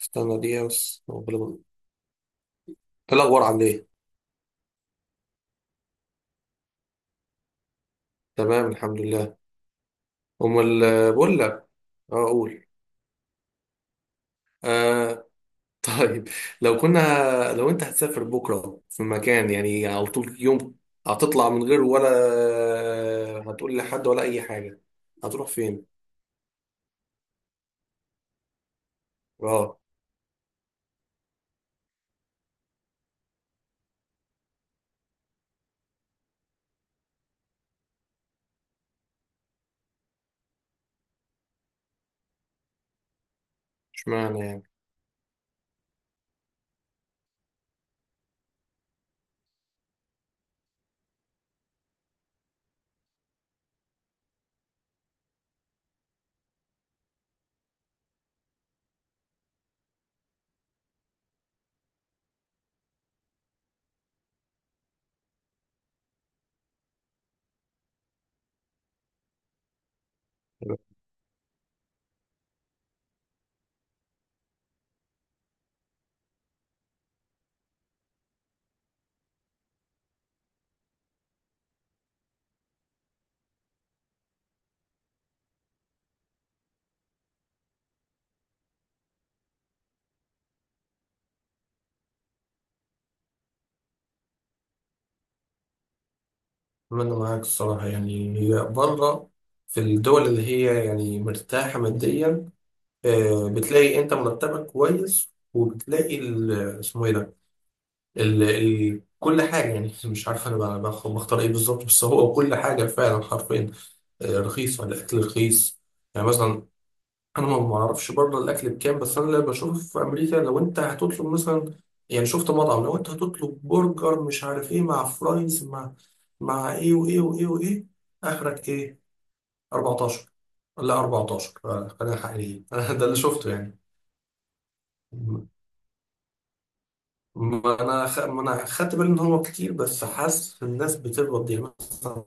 استنى دقيقة بس. إيه الأخبار، عامل إيه؟ تمام الحمد لله. أمال آه، بقول لك. أه، أقول. آه. طيب. لو كنا لو أنت هتسافر بكرة في مكان يعني على طول يوم، هتطلع من غير ولا هتقول لحد ولا أي حاجة؟ هتروح فين؟ أه. اشمعنى يعني؟ أتمنى معاك الصراحة، يعني هي بره في الدول اللي هي يعني مرتاحة ماديا. آه، بتلاقي أنت مرتبك كويس، وبتلاقي اسمه إيه ده، كل حاجة، يعني مش عارف أنا بختار إيه بالظبط، بس هو كل حاجة فعلا حرفيا آه، رخيصة، الأكل رخيص. يعني مثلا أنا ما أعرفش بره الأكل بكام، بس أنا اللي بشوف في أمريكا لو أنت هتطلب مثلا، يعني شفت مطعم، لو أنت هتطلب برجر مش عارف إيه مع فرايز مع إيه وإيه وإيه وإيه، آخرك إيه؟ 14. لا 14، آه، خلينا حقيقيين. ده اللي شفته يعني. ما انا خدت بالي ان هو كتير، بس حاسس الناس بتقبض يعني مثلا.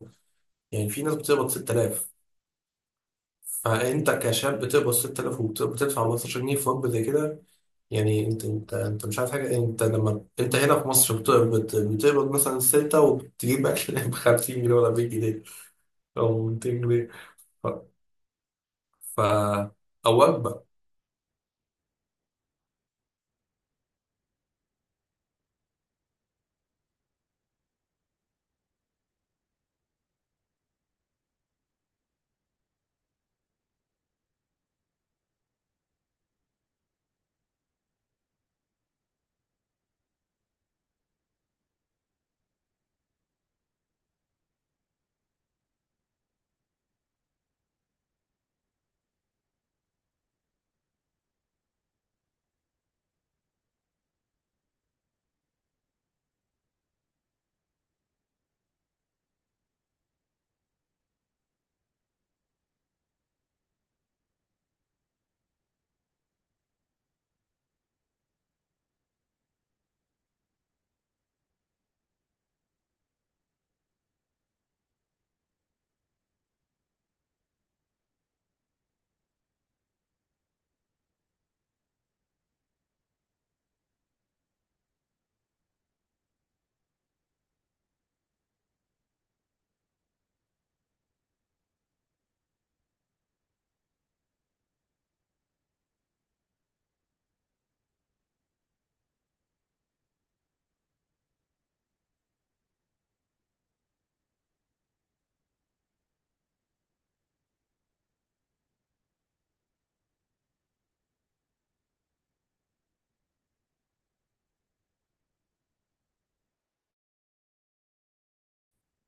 يعني في ناس بتقبض 6000. فانت كشاب بتقبض 6000 وبتدفع 15 جنيه في وجبه زي كده. يعني انت مش عارف حاجه، انت لما انت هنا في مصر بتقبض مثلا 6 وبتجيب اكل ب 50 جنيه ولا 100 جنيه او 200 جنيه. ف... ف... او وجبه.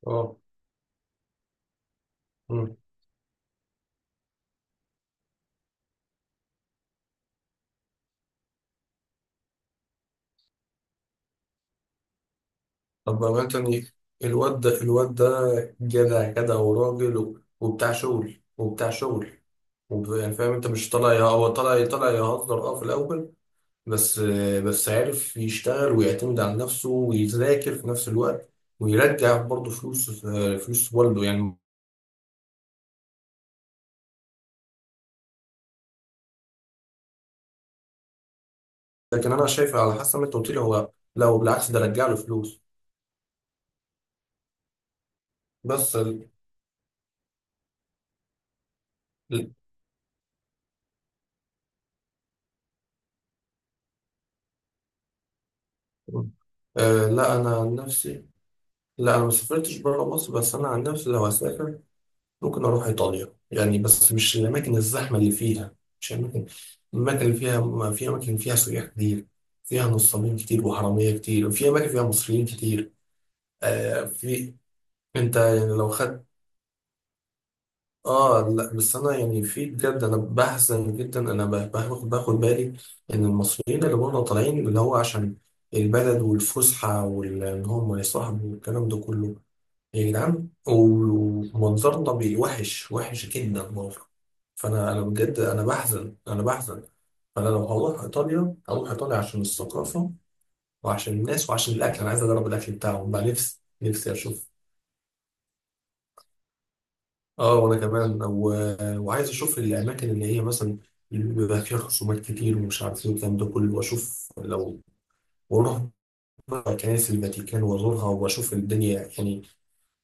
اه. مم. طب بقى تاني، الواد ده جدع وراجل وبتاع شغل وبتاع شغل. يعني فاهم انت، مش طالع يه- هو طالع طالع يهزر اه في الاول. بس بس عارف يشتغل ويعتمد على نفسه ويذاكر في نفس الوقت، ويرجع برضه فلوس، فلوس والده يعني. لكن انا شايف، على حسب ما انت قلت لي، هو لو بالعكس ده رجع له فلوس. بس ال... ال- آه لا، انا عن نفسي، لا انا ما سافرتش بره مصر، بس انا عن نفسي لو هسافر ممكن اروح ايطاليا يعني، بس مش الاماكن الزحمه اللي فيها، مش الاماكن الاماكن اللي فيها، ما في اماكن فيها سياح كتير، فيها نصابين كتير وحراميه كتير، وفي اماكن فيها مصريين كتير. آه في. انت يعني لو خدت، اه لا بس انا يعني في بجد انا بحزن جدا. انا باخد بالي ان المصريين اللي بره طالعين اللي هو عشان البلد والفسحه، وان هم يصاحبوا والكلام ده كله. يا جدعان، ومنظرنا بيوحش وحش جدا برضه. فانا بجد، انا بحزن، انا بحزن. فانا لو هروح ايطاليا هروح ايطاليا عشان الثقافه وعشان الناس وعشان الاكل، انا عايز اجرب الاكل بتاعهم بقى. نفسي اشوف. اه وانا كمان وعايز اشوف الاماكن اللي هي مثلا اللي بيبقى فيها خصومات كتير ومش عارف ايه والكلام ده كله، واشوف لو، واروح بقى كنائس الفاتيكان وازورها واشوف الدنيا يعني.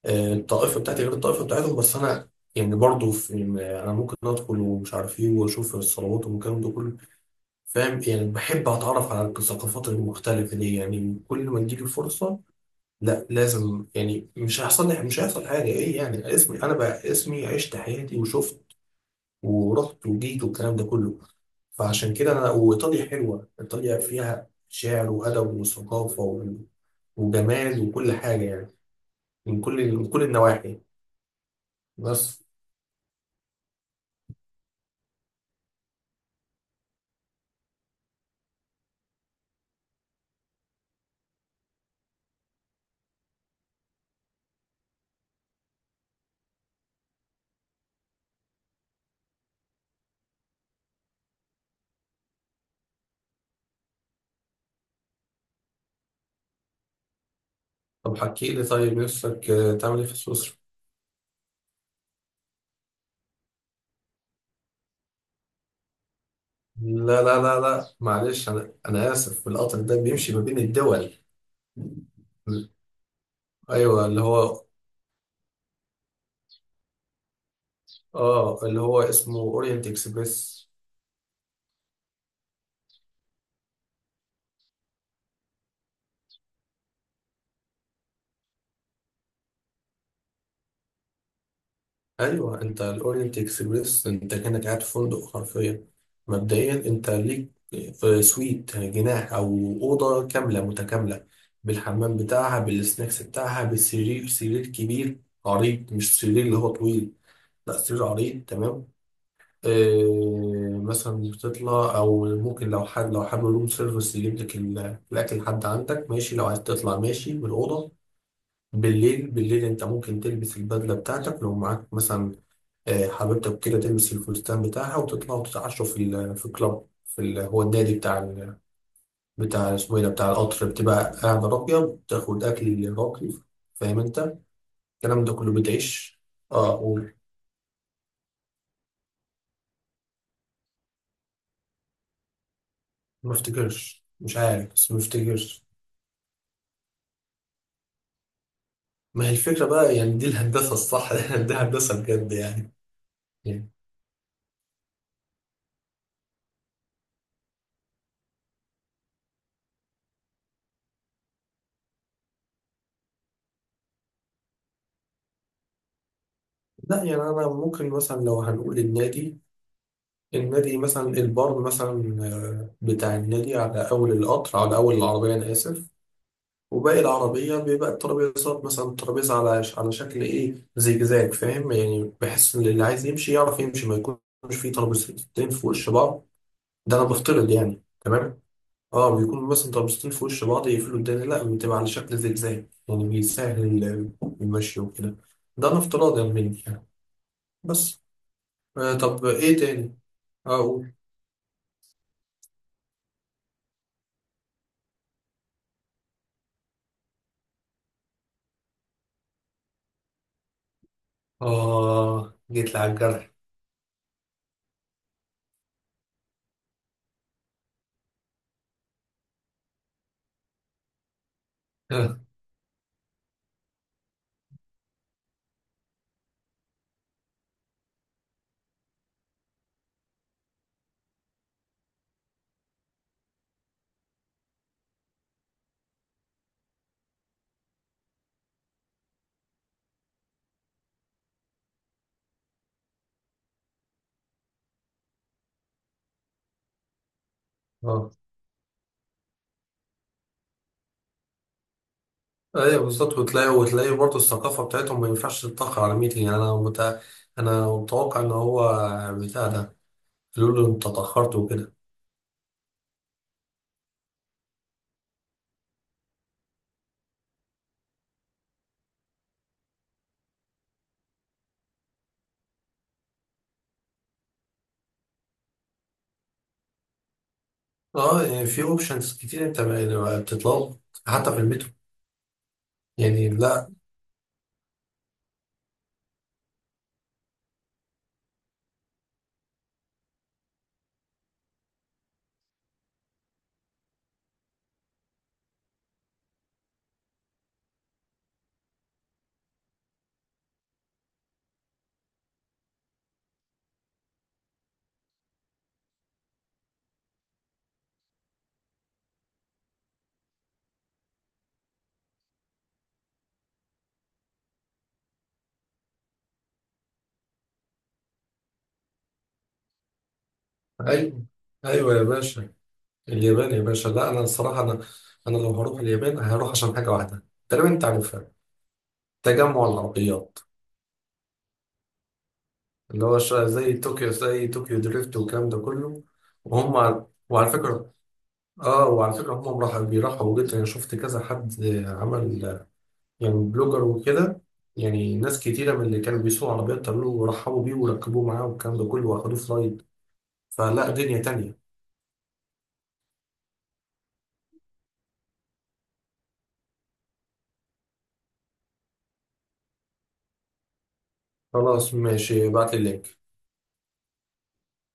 آه، الطائفة بتاعتي غير الطائفة بتاعتهم، بس أنا يعني برضه في، يعني أنا ممكن أدخل ومش عارف إيه وأشوف الصلوات والكلام ده كله. فاهم يعني، بحب أتعرف على الثقافات المختلفة دي، يعني كل ما تجيلي الفرصة لا لازم يعني، مش هيحصل لي، مش هيحصل حاجة إيه يعني، اسمي أنا بقى اسمي، عشت حياتي وشفت ورحت وجيت والكلام ده كله. فعشان كده أنا وإيطاليا، حلوة إيطاليا، فيها شعر وأدب وثقافة وجمال وكل حاجة يعني، من كل النواحي. بس. طب حكي لي، طيب نفسك آه، تعمل ايه في سويسرا؟ لا لا لا لا، معلش، انا اسف، القطر ده بيمشي ما بين الدول. ايوه اللي هو اسمه اورينت اكسبريس. ايوه، انت الاورينت اكسبريس انت كانك قاعد في فندق حرفيا. مبدئيا انت ليك في سويت، جناح او اوضه كامله متكامله، بالحمام بتاعها بالسناكس بتاعها بالسرير، سرير كبير عريض، مش سرير اللي هو طويل، لا سرير عريض تمام. إيه مثلا، مش بتطلع، او ممكن لو حد لو حابب روم سيرفيس يجيب لك الاكل لحد عندك ماشي، لو عايز تطلع ماشي من الاوضه. بالليل، بالليل انت ممكن تلبس البدله بتاعتك لو معاك مثلا آه، حبيبتك كده تلبس الفستان بتاعها وتطلعوا تتعشوا في الكلاب في ال- هو النادي بتاع، اسمه ايه ده، بتاع القطر، بتبقى قاعده راقيه، بتاخد اكل راقي. فاهم انت الكلام ده كله بتعيش. اه، قول. ما افتكرش، مش عارف، بس ما افتكرش. ما هي الفكرة بقى يعني، دي الهندسة الصح. دي هندسة بجد يعني. يعني- لا يعني أنا ممكن مثلا لو هنقول النادي، النادي مثلا، البار مثلا آه، بتاع النادي على أول القطر، على أول العربية أنا آسف، وباقي العربية بيبقى الترابيزات مثلا، الترابيزة على شكل إيه زجزاج، فاهم يعني، بحيث إن اللي عايز يمشي يعرف يمشي، ما يكونش فيه ترابيزتين في وش بعض. ده أنا بفترض يعني. تمام، اه بيكونوا مثلا طابستين في وش بعض يقفلوا الدنيا، لا بتبقى على شكل زجزاج يعني بيسهل المشي وكده. ده انا افتراض يعني مني يعني. بس. آه طب ايه تاني، اقول. اه جيت لي على الجرح. اه. ايوه بالظبط، وتلاقي برضه الثقافه بتاعتهم ما ينفعش تتاخر على ميتنج يعني. انا متوقع ان هو بتاع ده يقول له انت اتاخرت وكده. اه، يعني في اوبشنز كتير انت بتطلب حتى في المترو يعني. لا ايوه، ايوه يا باشا. اليابان يا باشا، لا انا الصراحه، انا لو هروح اليابان هروح عشان حاجه واحده تقريبا انت عارفها: تجمع العربيات اللي هو زي طوكيو، زي طوكيو دريفت والكلام ده كله. وهم وعلى فكره، اه وعلى فكره هم راح بيرحبوا جدا، انا شفت كذا حد عمل يعني بلوجر وكده، يعني ناس كتيره من اللي كانوا بيسوقوا عربيات قالوا له ورحبوا بيه وركبوه معاه والكلام ده كله واخدوه في رايد. فلا، دنيا تانية. خلاص ماشي، ابعت لي اللينك.